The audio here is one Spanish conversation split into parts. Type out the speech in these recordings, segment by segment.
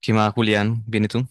¿Qué más, Julián? ¿Bien y tú?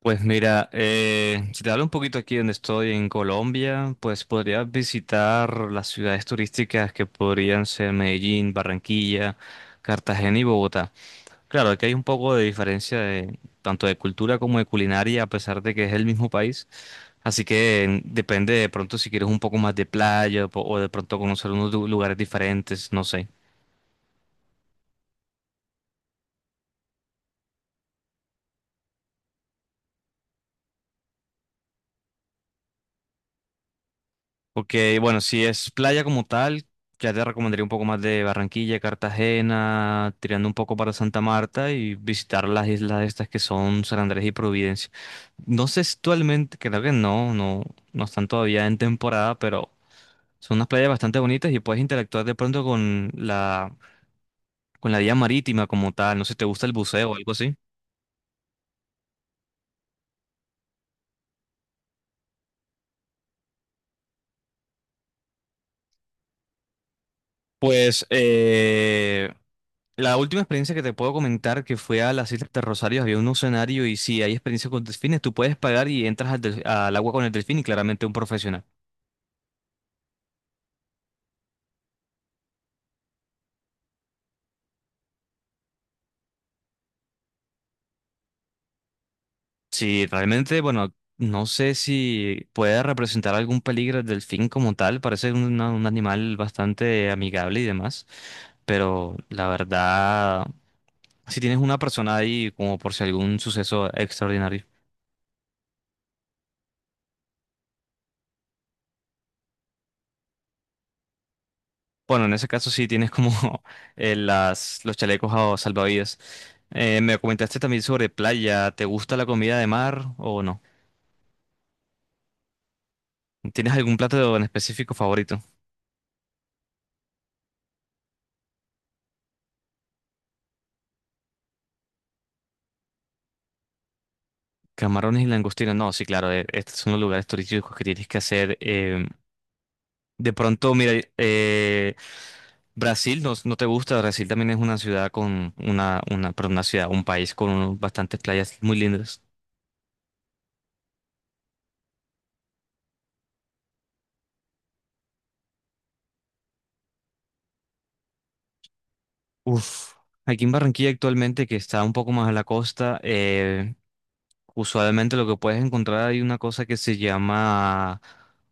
Pues mira, si te hablo un poquito aquí donde estoy en Colombia, pues podrías visitar las ciudades turísticas que podrían ser Medellín, Barranquilla, Cartagena y Bogotá. Claro, aquí hay un poco de diferencia de, tanto de cultura como de culinaria, a pesar de que es el mismo país. Así que depende de pronto si quieres un poco más de playa o de pronto conocer unos lugares diferentes, no sé. Ok, bueno, si es playa como tal, ya te recomendaría un poco más de Barranquilla, Cartagena, tirando un poco para Santa Marta y visitar las islas estas que son San Andrés y Providencia. No sé si actualmente, creo que no, no, no están todavía en temporada, pero son unas playas bastante bonitas y puedes interactuar de pronto con con la vía marítima como tal. No sé si te gusta el buceo o algo así. Pues la última experiencia que te puedo comentar que fue a las Islas de Rosario, había un escenario y si hay experiencia con delfines, tú puedes pagar y entras al agua con el delfín y claramente un profesional. Si realmente, bueno, no sé si puede representar algún peligro el delfín como tal, parece un animal bastante amigable y demás, pero la verdad, si tienes una persona ahí como por si algún suceso extraordinario. Bueno, en ese caso sí tienes como las, los chalecos salvavidas. Me comentaste también sobre playa. ¿Te gusta la comida de mar o no? ¿Tienes algún plato en específico favorito? Camarones y langostinos. No, sí, claro. Estos son los lugares turísticos que tienes que hacer. De pronto, mira, Brasil no, no te gusta. Brasil también es una ciudad con perdón, una ciudad, un país con bastantes playas muy lindas. Uf. Aquí en Barranquilla actualmente, que está un poco más a la costa, usualmente lo que puedes encontrar, hay una cosa que se llama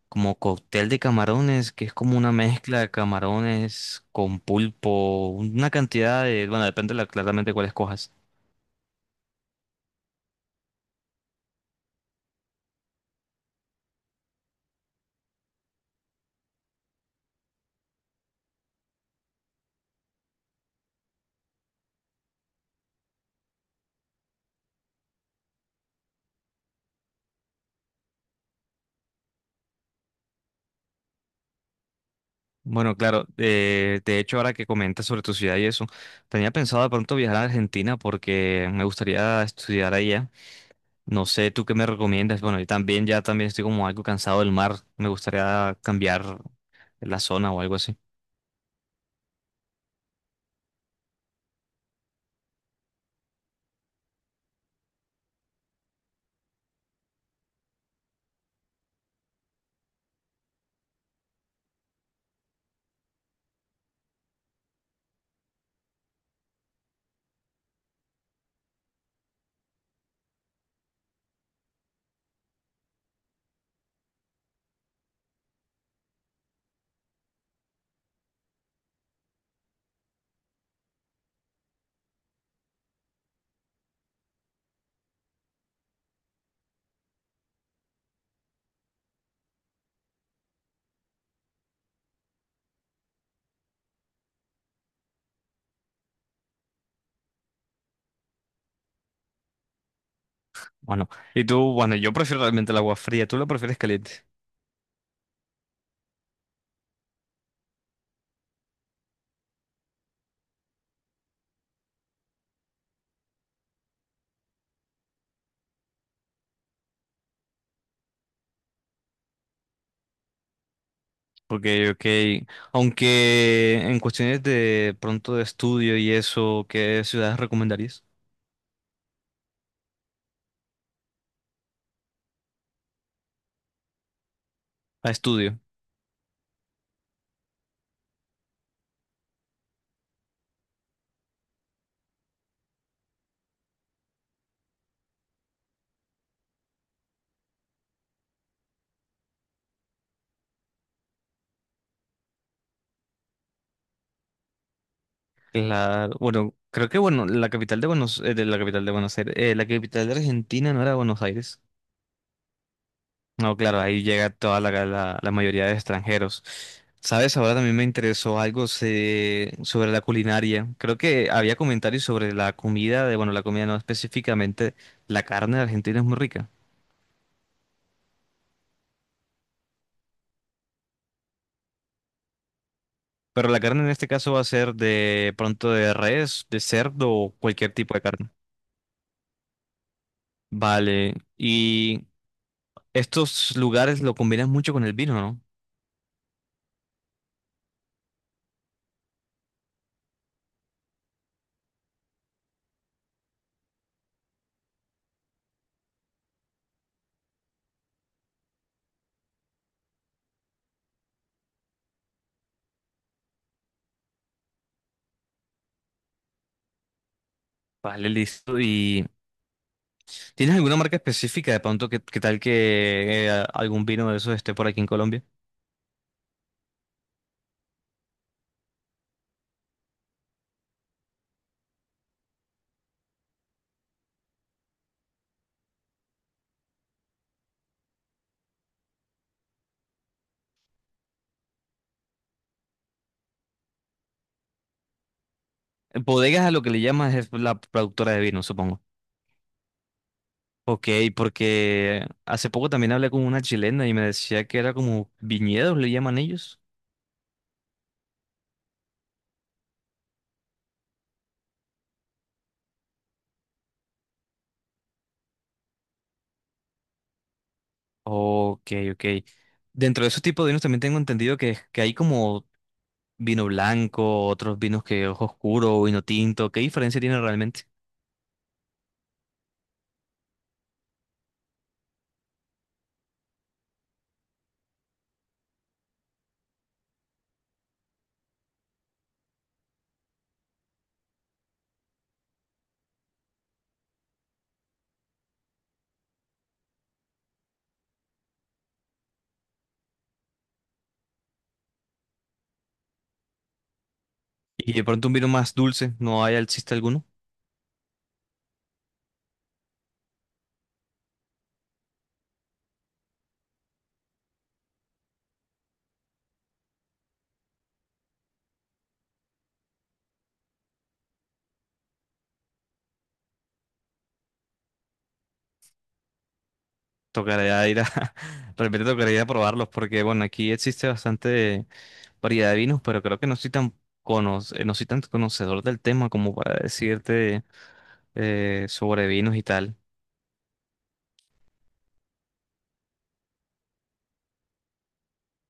como cóctel de camarones, que es como una mezcla de camarones con pulpo, una cantidad de, bueno, depende de claramente cuál escojas. Bueno, claro, de hecho ahora que comentas sobre tu ciudad y eso, tenía pensado de pronto viajar a Argentina porque me gustaría estudiar allá. No sé, ¿tú qué me recomiendas? Bueno, yo también ya también estoy como algo cansado del mar, me gustaría cambiar la zona o algo así. Bueno, y tú, bueno, yo prefiero realmente el agua fría, tú la prefieres caliente, porque, ok, aunque en cuestiones de pronto de estudio y eso, ¿qué ciudades recomendarías a estudio? La, bueno, creo que, bueno, la capital de Buenos, de la capital de Buenos Aires, la capital de Argentina no era Buenos Aires. No, claro, ahí llega toda la mayoría de extranjeros. ¿Sabes? Ahora también me interesó algo sobre la culinaria. Creo que había comentarios sobre la comida, de, bueno, la comida no específicamente, la carne de Argentina es muy rica. Pero la carne en este caso va a ser de pronto de res, de cerdo o cualquier tipo de carne. Vale, y estos lugares lo combinan mucho con el vino, ¿no? Vale, listo. ¿Y tienes alguna marca específica de pronto que tal que algún vino de esos esté por aquí en Colombia? Bodegas a lo que le llamas es la productora de vino, supongo. Ok, porque hace poco también hablé con una chilena y me decía que era como viñedos, le llaman ellos. Ok, ok. Dentro de esos tipos de vinos también tengo entendido que hay como vino blanco, otros vinos que ojo oscuro, vino tinto. ¿Qué diferencia tiene realmente? Y de pronto un vino más dulce, ¿no hay, existe alguno? Tocaría ir a, realmente tocaría ir a probarlos porque, bueno, aquí existe bastante variedad de vinos, pero creo que no soy tan, no soy tan conocedor del tema como para decirte sobre vinos y tal.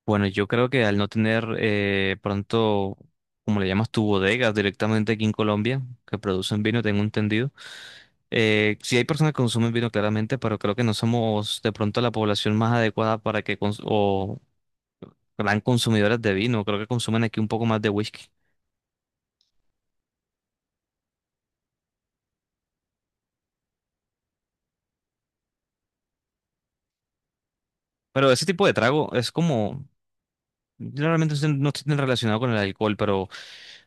Bueno, yo creo que al no tener pronto, como le llamas tu bodega directamente aquí en Colombia, que producen vino, tengo entendido. Sí hay personas que consumen vino claramente, pero creo que no somos de pronto la población más adecuada para que cons- o gran consumidores de vino, creo que consumen aquí un poco más de whisky. Pero ese tipo de trago es como, yo realmente no estoy tan relacionado con el alcohol, pero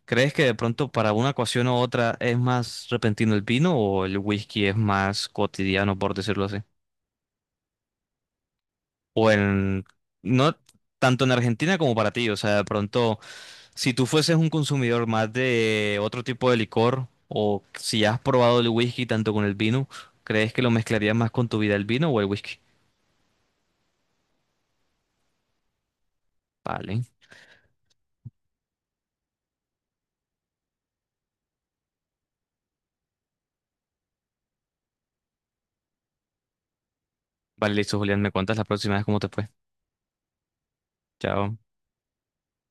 ¿crees que de pronto para una ocasión u otra es más repentino el vino o el whisky es más cotidiano, por decirlo así? O en, no tanto en Argentina como para ti, o sea, de pronto, si tú fueses un consumidor más de otro tipo de licor o si ya has probado el whisky tanto con el vino, ¿crees que lo mezclarías más con tu vida el vino o el whisky? Vale. Vale, listo, Julián, me cuentas la próxima vez cómo te fue. Chao.